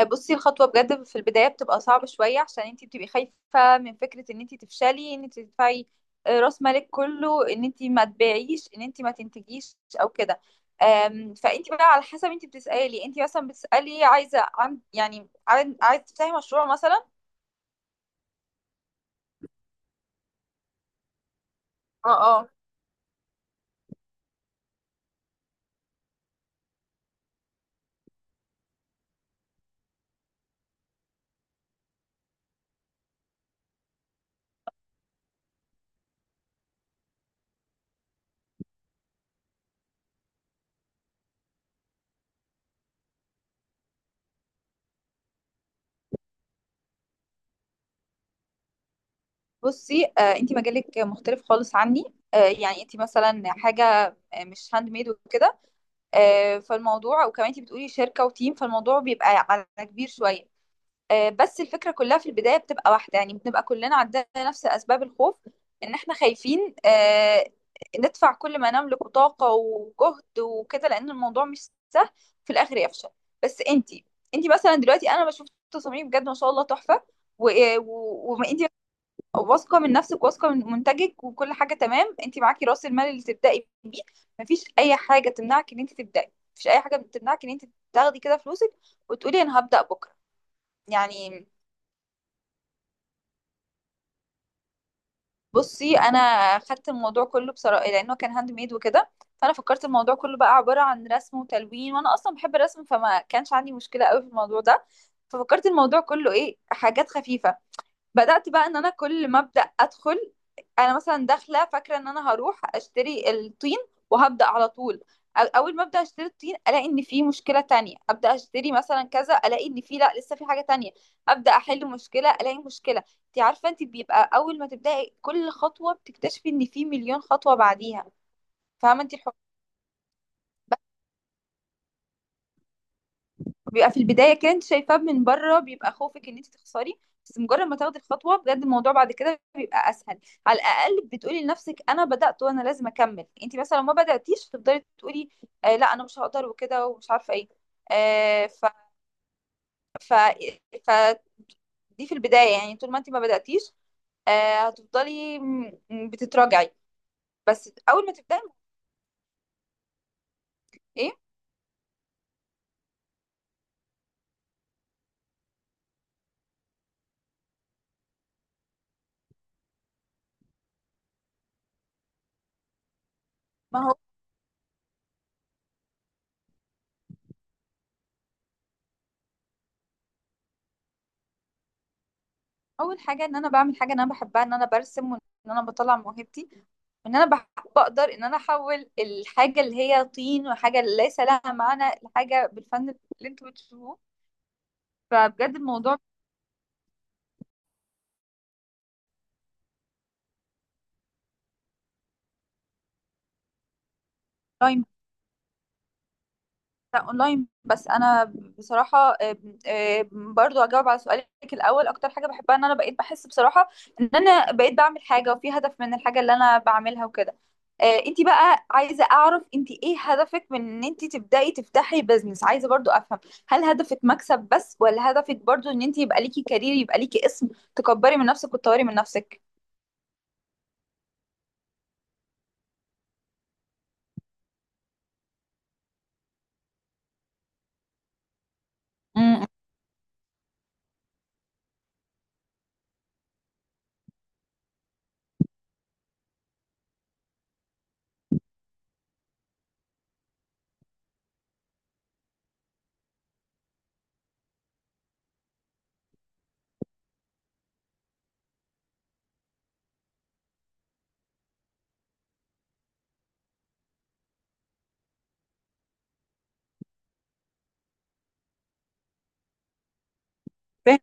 بصي الخطوة بجد في البداية بتبقى صعبة شوية، عشان انتي بتبقي خايفة من فكرة ان انتي تفشلي، ان انتي تدفعي راس مالك كله، ان انتي ما تبيعيش، ان انتي ما تنتجيش او كده. فانتي بقى على حسب، انتي بتسألي، انتي مثلا بتسألي عايزة عن يعني عايزة تفتحي مشروع مثلا. اه، اه. بصي، انتي مجالك مختلف خالص عني. يعني انتي مثلا حاجة مش هاند ميد وكده. فالموضوع، وكمان انتي بتقولي شركة وتيم، فالموضوع بيبقى على كبير شوية. بس الفكرة كلها في البداية بتبقى واحدة، يعني بنبقى كلنا عندنا نفس أسباب الخوف. إن إحنا خايفين ندفع كل ما نملك طاقة وجهد وكده، لأن الموضوع مش سهل في الآخر يفشل. بس أنتي مثلا دلوقتي أنا بشوف تصاميم بجد ما شاء الله تحفة. وأنتي واثقة من نفسك، واثقة من منتجك، وكل حاجة تمام. أنتي معاكي رأس المال اللي تبدأي بيه. مفيش أي حاجة تمنعك إن أنتي تبدأي، مفيش أي حاجة تمنعك إن أنتي تاخدي كده فلوسك وتقولي أنا هبدأ بكرة. يعني، بصي انا خدت الموضوع كله بصراحه لانه كان هاند ميد وكده. فانا فكرت الموضوع كله بقى عباره عن رسم وتلوين، وانا اصلا بحب الرسم فما كانش عندي مشكله قوي في الموضوع ده. ففكرت الموضوع كله ايه، حاجات خفيفه. بدأت بقى، ان انا كل ما ابدأ ادخل، انا مثلا داخله فاكره ان انا هروح اشتري الطين وهبدأ على طول، اول ما ابدأ اشتري الطين الاقي ان في مشكله تانية، ابدأ اشتري مثلا كذا الاقي ان في، لا، لسه في حاجه تانية، ابدأ احل مشكله الاقي مشكله. انت عارفه، انت بيبقى اول ما تبدأي كل خطوه بتكتشفي ان في مليون خطوه بعديها. فاهمه انت. بيبقى في البدايه كده انت شايفاه من بره، بيبقى خوفك ان انت تخسري، بس مجرد ما تاخدي الخطوه بجد الموضوع بعد كده بيبقى اسهل. على الاقل بتقولي لنفسك انا بدات وانا لازم اكمل. انت مثلا لو ما بداتيش تفضلي تقولي لا انا مش هقدر وكده ومش عارفه ايه. آه ف ف ف دي في البدايه، يعني طول ما انت ما بداتيش هتفضلي بتتراجعي، بس اول ما تبداي. ايه؟ ما هو، اول حاجه ان انا بعمل حاجه انا بحبها، ان انا برسم، وان انا بطلع موهبتي، وان انا بقدر ان انا احول الحاجه اللي هي طين وحاجه ليس لها معنى لحاجه بالفن اللي انتوا بتشوفوه. فبجد الموضوع. اونلاين بس. انا بصراحه برضو اجاوب على سؤالك الاول، اكتر حاجه بحبها ان انا بقيت بحس بصراحه ان انا بقيت بعمل حاجه وفي هدف من الحاجه اللي انا بعملها وكده. انتي بقى عايزه اعرف انتي ايه هدفك من ان انتي تبداي تفتحي بزنس؟ عايزه برضو افهم، هل هدفك مكسب بس، ولا هدفك برضو ان انتي يبقى ليكي كارير، يبقى ليكي اسم، تكبري من نفسك وتطوري من نفسك؟ امم. فاهم.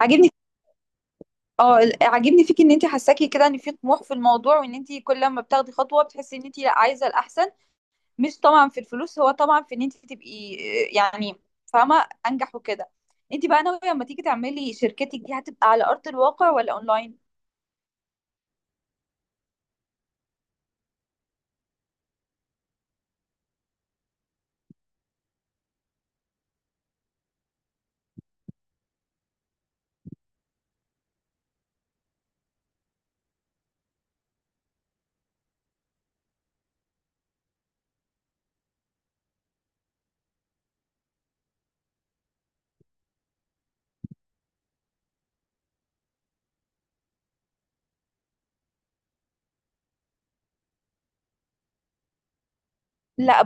عاجبني عاجبني فيك ان انت حاساكي كده ان في طموح في الموضوع، وان انت كل ما بتاخدي خطوه بتحسي ان انت لا عايزه الاحسن. مش طبعا في الفلوس، هو طبعا في ان انت تبقي يعني، فاهمه، انجح وكده. انت بقى ناويه لما تيجي تعملي شركتك دي، هتبقى على ارض الواقع ولا اونلاين؟ لا.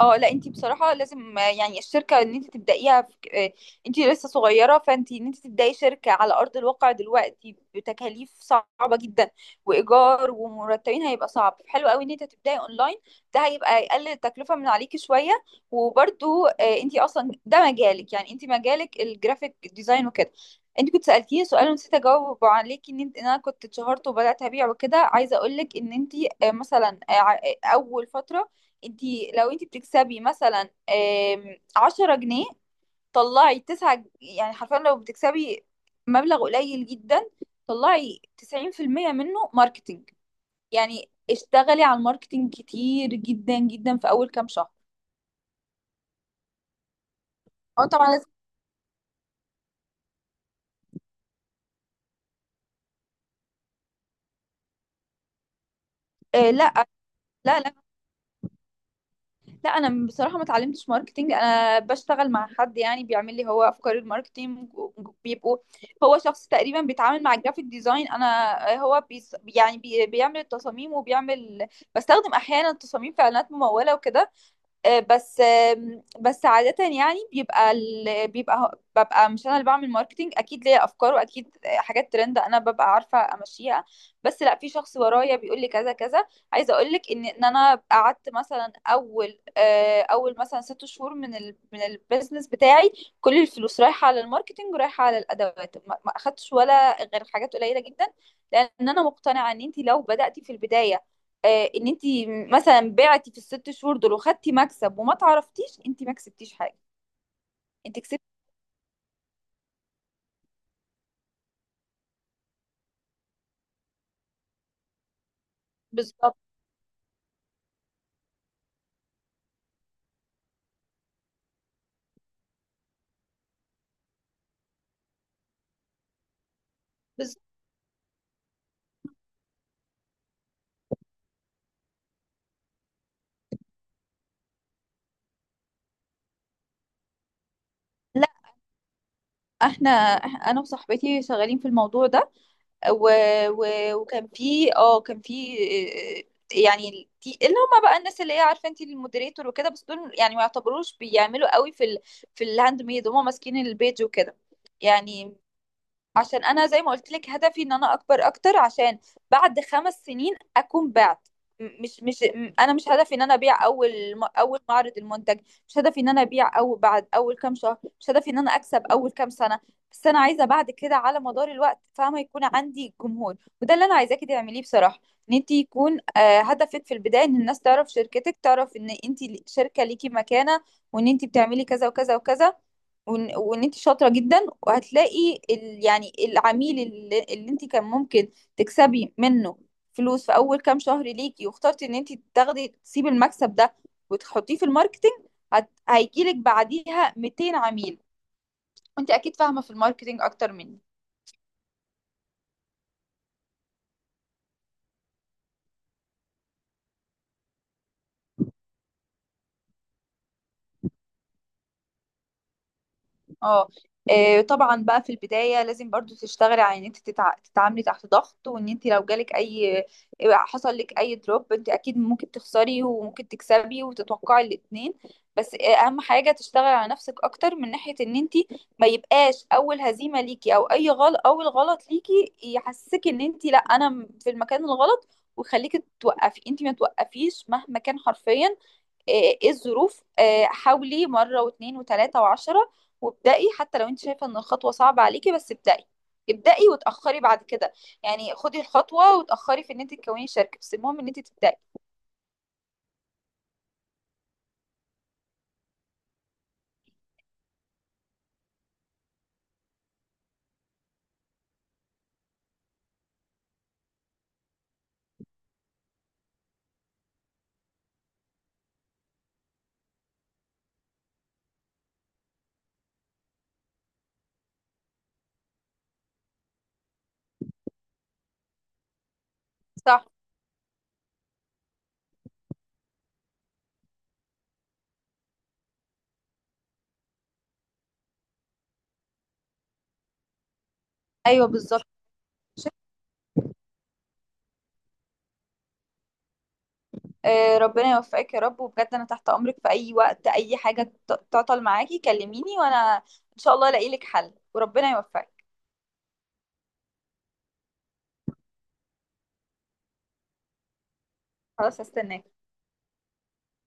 اه لا، انت بصراحه لازم يعني الشركه ان انت تبدايها في... آه، انت لسه صغيره، فانت ان انت تبداي شركه على ارض الواقع دلوقتي بتكاليف صعبه جدا، وايجار ومرتبين، هيبقى صعب. حلو قوي ان انت تبداي اونلاين، ده هيبقى يقلل التكلفه من عليكي شويه. وبرده انت اصلا ده مجالك، يعني انت مجالك الجرافيك ديزاين وكده. انت كنت سالتيني سؤال ونسيت اجاوب عليكي، ان انت ان انا كنت اتشهرت وبدات ابيع وكده. عايزه اقول لك ان انت مثلا اول فتره، انتي لو انتي بتكسبي مثلا 10 جنيه، طلعي تسعة يعني حرفيا لو بتكسبي مبلغ قليل جدا، طلعي 90% منه ماركتينج. يعني اشتغلي على الماركتينج كتير جدا جدا في أول كام شهر. اه طبعا لازم. لا، لا، لا، انا بصراحه ما اتعلمتش ماركتينج. انا بشتغل مع حد يعني بيعمل لي هو افكار الماركتينج. بيبقوا، هو شخص تقريبا بيتعامل مع الجرافيك ديزاين. انا هو يعني بيعمل التصاميم وبيعمل. بستخدم احيانا تصاميم في اعلانات مموله وكده. بس عادة يعني بيبقى ببقى مش انا اللي بعمل ماركتينج. اكيد ليا افكار، واكيد حاجات ترند انا ببقى عارفة امشيها، بس لا، في شخص ورايا بيقول لي كذا كذا. عايزة اقول لك ان انا قعدت مثلا اول مثلا 6 شهور من البيزنس بتاعي، كل الفلوس رايحة على الماركتينج ورايحة على الادوات، ما اخدتش ولا غير حاجات قليلة جدا. لان انا مقتنعة ان انت لو بدأتي في البداية، ان انت مثلا بعتي في الست شهور دول وخدتي مكسب وما تعرفتيش، انت ما كسبتيش حاجه، انت كسبتي. بالظبط. بالظبط. لا، احنا انا وصاحبتي شغالين في الموضوع ده. و... و... وكان في اه كان في يعني اللي هم بقى الناس اللي هي عارفه، انت المودريتور وكده، بس دول يعني ما يعتبروش بيعملوا قوي في ال... في الهاند ميد، هم ماسكين البيج وكده. يعني عشان انا زي ما قلت لك هدفي ان انا اكبر اكتر، عشان بعد 5 سنين اكون بعت. م- مش مش م- انا مش هدفي ان انا ابيع اول معرض المنتج، مش هدفي ان انا ابيع اول بعد اول كام شهر، مش هدفي ان انا اكسب اول كام سنه. بس انا عايزه بعد كده على مدار الوقت، فاهمه، يكون عندي جمهور. وده اللي انا عايزاكي تعمليه بصراحه، ان انت يكون هدفك في البدايه ان الناس تعرف شركتك، تعرف ان انت شركه ليكي مكانه، وان انت بتعملي كذا وكذا وكذا، وإن انت شاطره جدا. وهتلاقي ال... يعني العميل اللي انت كان ممكن تكسبي منه فلوس في اول كام شهر ليكي، واخترتي ان انت تاخدي، تسيبي المكسب ده وتحطيه في الماركتينج، هيجيلك بعديها 200 عميل. انت اكيد فاهمه في الماركتينج اكتر مني. اه طبعا بقى في البداية لازم برضو تشتغلي على ان انت تتعاملي تحت ضغط. وان انت لو جالك اي، حصل لك اي دروب، انت اكيد ممكن تخسري وممكن تكسبي، وتتوقعي الاتنين. بس اهم حاجة تشتغلي على نفسك اكتر، من ناحية ان انت ما يبقاش اول هزيمة ليكي او اي غلط، اول غلط ليكي، يحسسك ان انت لا انا في المكان الغلط ويخليكي توقفي. انت ما توقفيش مهما كان، حرفيا إيه الظروف. حاولي مرة واتنين وتلاتة وعشرة. وابدأي حتى لو انت شايفة ان الخطوة صعبة عليكي، بس ابدأي. ابدأي وتأخري بعد كده، يعني خدي الخطوة وتأخري في ان انت تكوني شركة، بس المهم ان انت تبدأي. صح. ايوه بالظبط. ربنا يوفقك يا رب، وبجد انا تحت امرك في اي وقت، اي حاجة تعطل معاكي كلميني، وانا ان شاء الله الاقي لك حل، وربنا يوفقك. خلاص هستناك.